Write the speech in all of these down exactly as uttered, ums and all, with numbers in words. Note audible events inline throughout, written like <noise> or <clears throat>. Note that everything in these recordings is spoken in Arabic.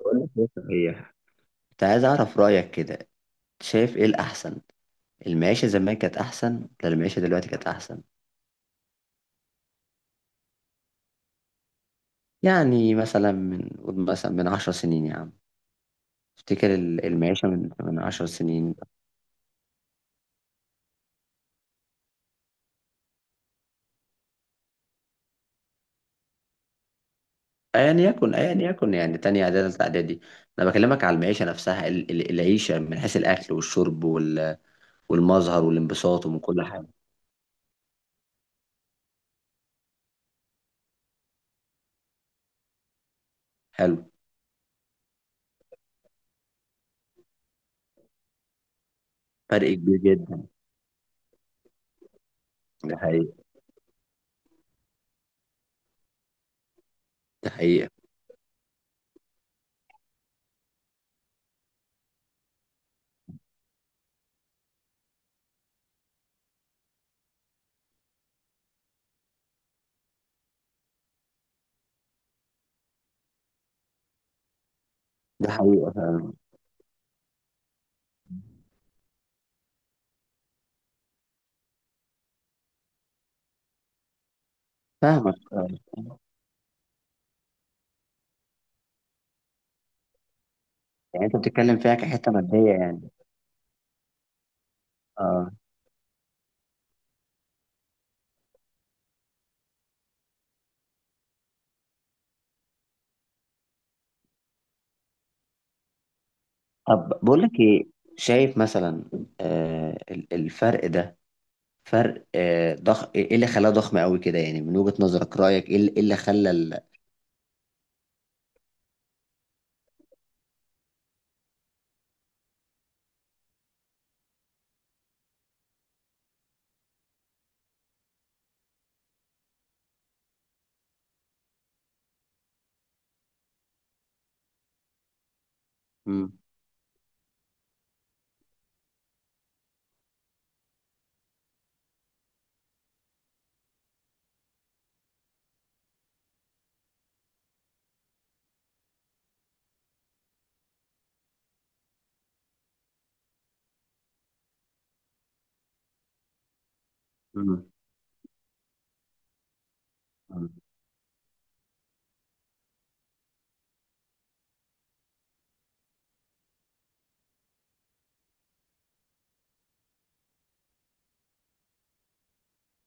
بقول لك ايه صحيح. كنت عايز اعرف رايك كده. شايف ايه الاحسن؟ المعيشه زمان كانت احسن ولا المعيشه دلوقتي كانت احسن؟ يعني مثلا من قول مثلا من عشر سنين يا عم. افتكر ال- المعيشه من من عشر سنين. ايا يكن ايا يكن يعني تانية اعدادي تالتة اعدادي. انا بكلمك على المعيشه نفسها، ال- ال- العيشه من حيث الاكل والشرب وال- والمظهر والانبساط ومن كل حاجه. حلو. فرق كبير جدا. ده حقيقة. ده حقيقة. ده حقيقة فعلا. فاهمك، آه. يعني انت بتتكلم فيها كحتة مادية يعني؟ اه. طب بقول لك ايه، شايف مثلا آه ال- الفرق ده فرق آه ضخ ايه، إيه اللي خلاه ضخم قوي كده يعني؟ من وجهة نظرك، رأيك ايه؟ اللي إيه اللي خلى ال... مم. مم.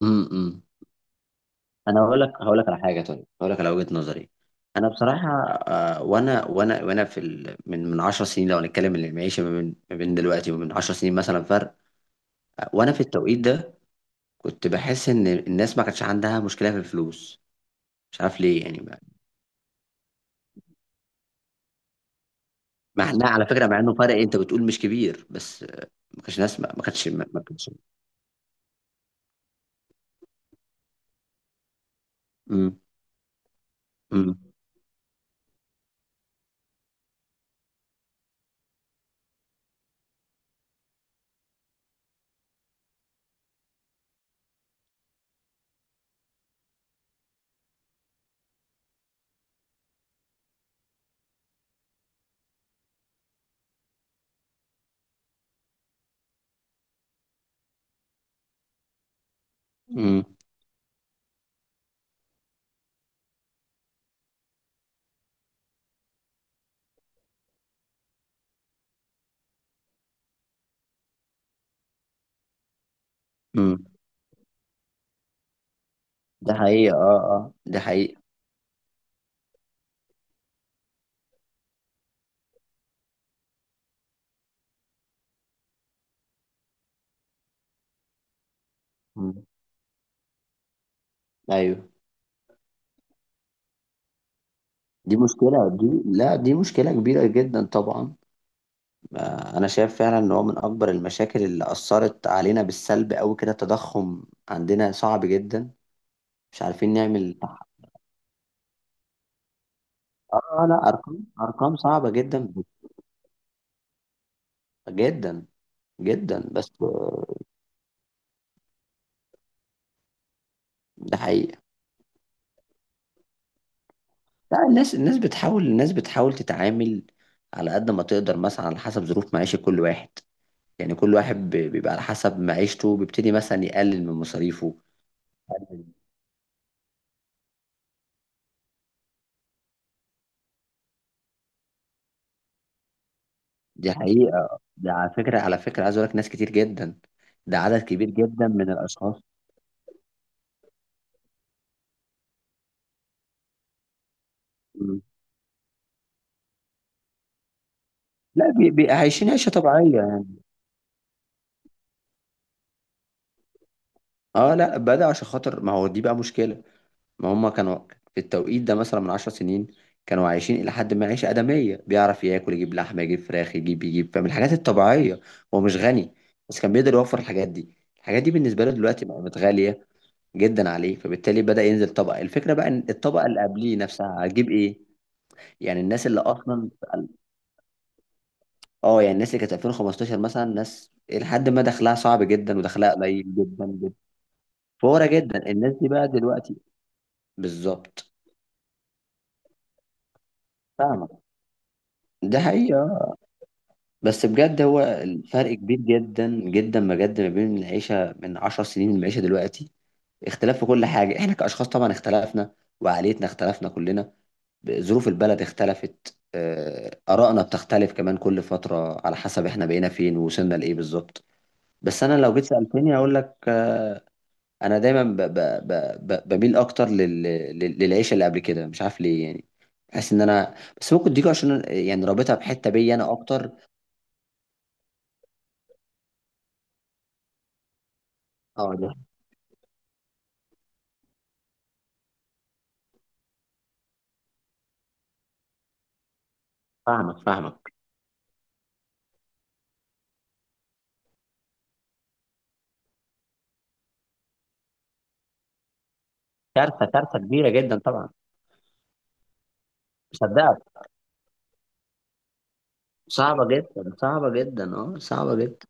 مم. مم. انا هقول لك هقول لك على حاجة. طيب هقول لك على وجهة نظري. انا بصراحة آه وانا وانا وانا في ال... من من عشر سنين، لو هنتكلم من المعيشة ما بين ما بين دلوقتي ومن عشر سنين، مثلا فرق. آه، وانا في التوقيت ده كنت بحس ان الناس ما كانتش عندها مشكلة في الفلوس. مش عارف ليه يعني. مع انها على فكره، مع انه فرق انت بتقول مش كبير، بس ما كانش نسمع، ما كانش ما ما كانش. امم. امم. امم. امم. ده حقيقه، اه اه، ده حقيقه. مم. ايوه. دي مشكله، دي، لا دي مشكله كبيره جدا طبعا. آه، انا شايف فعلا ان هو من اكبر المشاكل اللي اثرت علينا بالسلب قوي كده التضخم. عندنا صعب جدا. مش عارفين نعمل تح-. اه لا، ارقام، ارقام صعبه جدا. جدا جدا بس. آه، ده حقيقي. لا الناس، الناس بتحاول الناس بتحاول تتعامل على قد ما تقدر، مثلا على حسب ظروف معيشة كل واحد. يعني كل واحد ب- بيبقى على حسب معيشته بيبتدي مثلا يقلل من مصاريفه. دي حقيقة. ده على فكرة، على فكرة عايز أقول لك ناس كتير جدا. ده عدد كبير جدا من الأشخاص. مم. لا بي- بي- عايشين عيشة طبيعية. اه لا بدأ، عشان خاطر ما هو دي بقى مشكلة. ما هم كانوا في التوقيت ده مثلا من عشر سنين كانوا عايشين إلى حد ما عيشة آدمية، بيعرف ياكل، يجيب لحمة، يجيب فراخ، يجيب يجيب فمن الحاجات الطبيعية. هو مش غني، بس كان بيقدر يوفر الحاجات دي. الحاجات دي بالنسبة له دلوقتي بقت غالية جدا عليه، فبالتالي بدأ ينزل طبقة. الفكرة بقى إن الطبقة اللي قبليه نفسها هتجيب إيه؟ يعني الناس اللي أصلا، اه يعني الناس اللي كانت الفين وخمسة عشر مثلا، ناس لحد ما دخلها صعب جدا ودخلها قليل جدا جدا. فورة جدا الناس دي بقى دلوقتي. بالظبط. فاهمة. ده حقيقة. بس بجد هو الفرق كبير جدا جدا بجد ما بين العيشة من عشر سنين للعيشة دلوقتي. اختلاف في كل حاجة. احنا كأشخاص طبعا اختلفنا، وعقليتنا اختلفنا كلنا، ظروف البلد اختلفت، آه، آرائنا بتختلف كمان كل فترة على حسب احنا بقينا فين ووصلنا لإيه بالظبط. بس أنا لو جيت سألتني هقول لك، آه، أنا دايما ب ب ب ب بميل أكتر لل لل- للعيشة اللي قبل كده، مش عارف ليه يعني. بحس إن أنا، بس ممكن دي عشان يعني رابطها بحتة بيا أنا أكتر. اه ده. فاهمك، فاهمك. كارثه، كارثه كبيره جدا طبعا. مصدقك. صعبه جدا، صعبه جدا، اه صعبه جدا.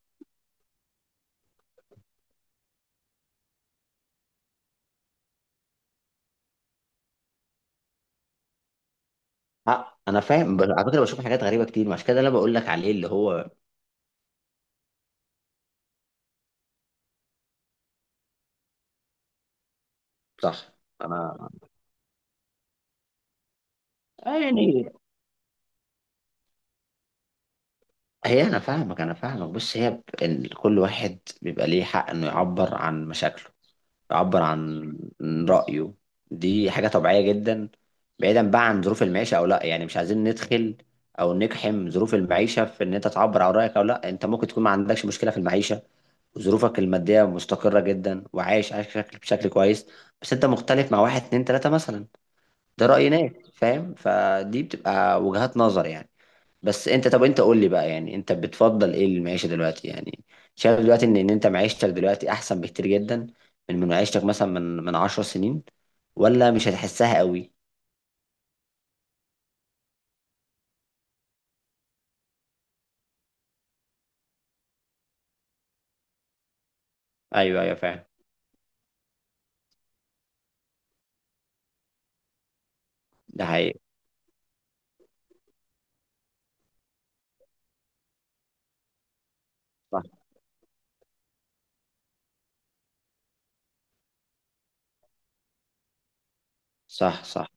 آه انا فاهم، بس على فكره بشوف حاجات غريبه كتير، مش كده اللي انا بقول لك عليه اللي هو. صح. انا آه، يعني. هي انا فاهمك، انا فاهمك. بص، هي ب- إن كل واحد بيبقى ليه حق انه يعبر عن مشاكله، يعبر عن رايه. دي حاجه طبيعيه جدا. بعيدا بقى عن ظروف المعيشه او لا، يعني مش عايزين ندخل او نقحم ظروف المعيشه في ان انت تعبر عن رايك او لا. انت ممكن تكون ما عندكش مشكله في المعيشه، ظروفك المادية مستقرة جدا وعايش، عايش بشكل، بشكل كويس، بس انت مختلف مع واحد اتنين تلاتة مثلا. ده رأي ناس، فاهم؟ فدي بتبقى وجهات نظر يعني. بس انت، طب انت قول لي بقى، يعني انت بتفضل ايه المعيشة دلوقتي يعني؟ شايف دلوقتي ان، ان انت معيشتك دلوقتي احسن بكتير جدا من، من معيشتك مثلا من من عشر سنين، ولا مش هتحسها قوي؟ ايوه، ايوه فاهم. ده حقيقي. صح. صح. صح.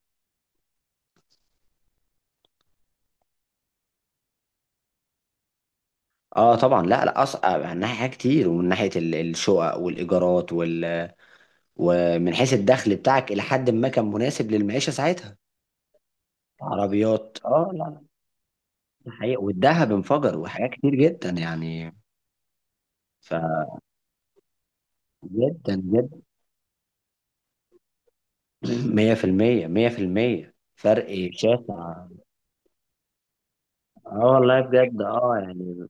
اه طبعا، لا لا، اصعب من ناحية حاجات كتير، ومن ناحية ال- الشقق والايجارات وال، ومن حيث الدخل بتاعك إلى حد ما كان مناسب للمعيشة ساعتها. عربيات، اه لا لا. ده حقيقي، والذهب انفجر، وحاجات كتير جدا يعني. ف جدا جدا. <clears throat> مية في المية، مية في المية فرق شاسع. اه والله بجد، اه يعني.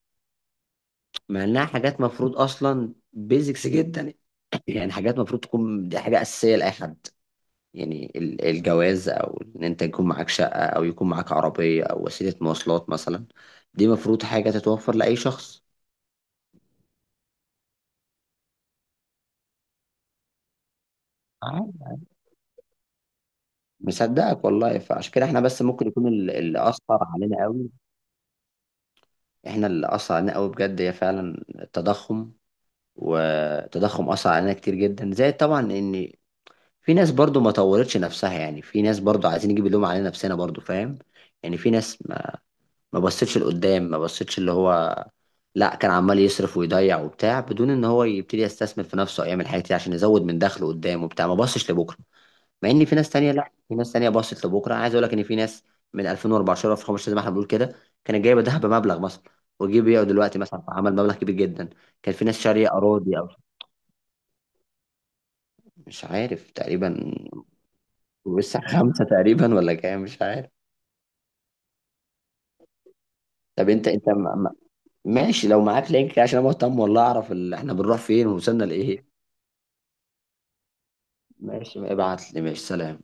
مع انها حاجات مفروض اصلا بيزكس جدا. <clears throat> يعني حاجات مفروض تكون دي حاجه اساسيه لاي حد. يعني ال- الجواز، او ان انت يكون معاك شقه، او يكون معاك عربيه او وسيله مواصلات مثلا، دي مفروض حاجه تتوفر لاي شخص. عادي. مصدقك والله. فعشان كده احنا بس ممكن يكون ال- اللي اثر علينا قوي، احنا اللي اثر علينا قوي بجد هي فعلا التضخم. والتضخم اثر علينا كتير جدا، زائد طبعا ان في ناس برضو ما طورتش نفسها. يعني في ناس برضو عايزين نجيب اللوم علينا نفسنا برضو، فاهم؟ يعني في ناس ما، ما بصتش لقدام، ما بصتش اللي هو، لا، كان عمال يصرف ويضيع وبتاع بدون ان هو يبتدي يستثمر في نفسه او يعمل حاجات كتير عشان يزود من دخله قدام وبتاع. ما بصش لبكره. مع ان في ناس تانية لا، في ناس تانية باصت لبكره. عايز اقول لك ان في ناس من الفين واربعة عشر، الفين وخمستاشر زي ما احنا بنقول كده، كانت جايبه ذهب بمبلغ مثلا، وجي بيعه دلوقتي مثلا، عمل مبلغ كبير جدا. كان في ناس شاريه اراضي او، مش عارف تقريبا. لسه خمسه تقريبا ولا كام مش عارف. طب انت، انت ما- ما- ماشي، لو معاك لينك عشان انا مهتم والله اعرف اللي احنا بنروح فين ووصلنا لايه. ماشي، ابعت لي، ماشي، سلام.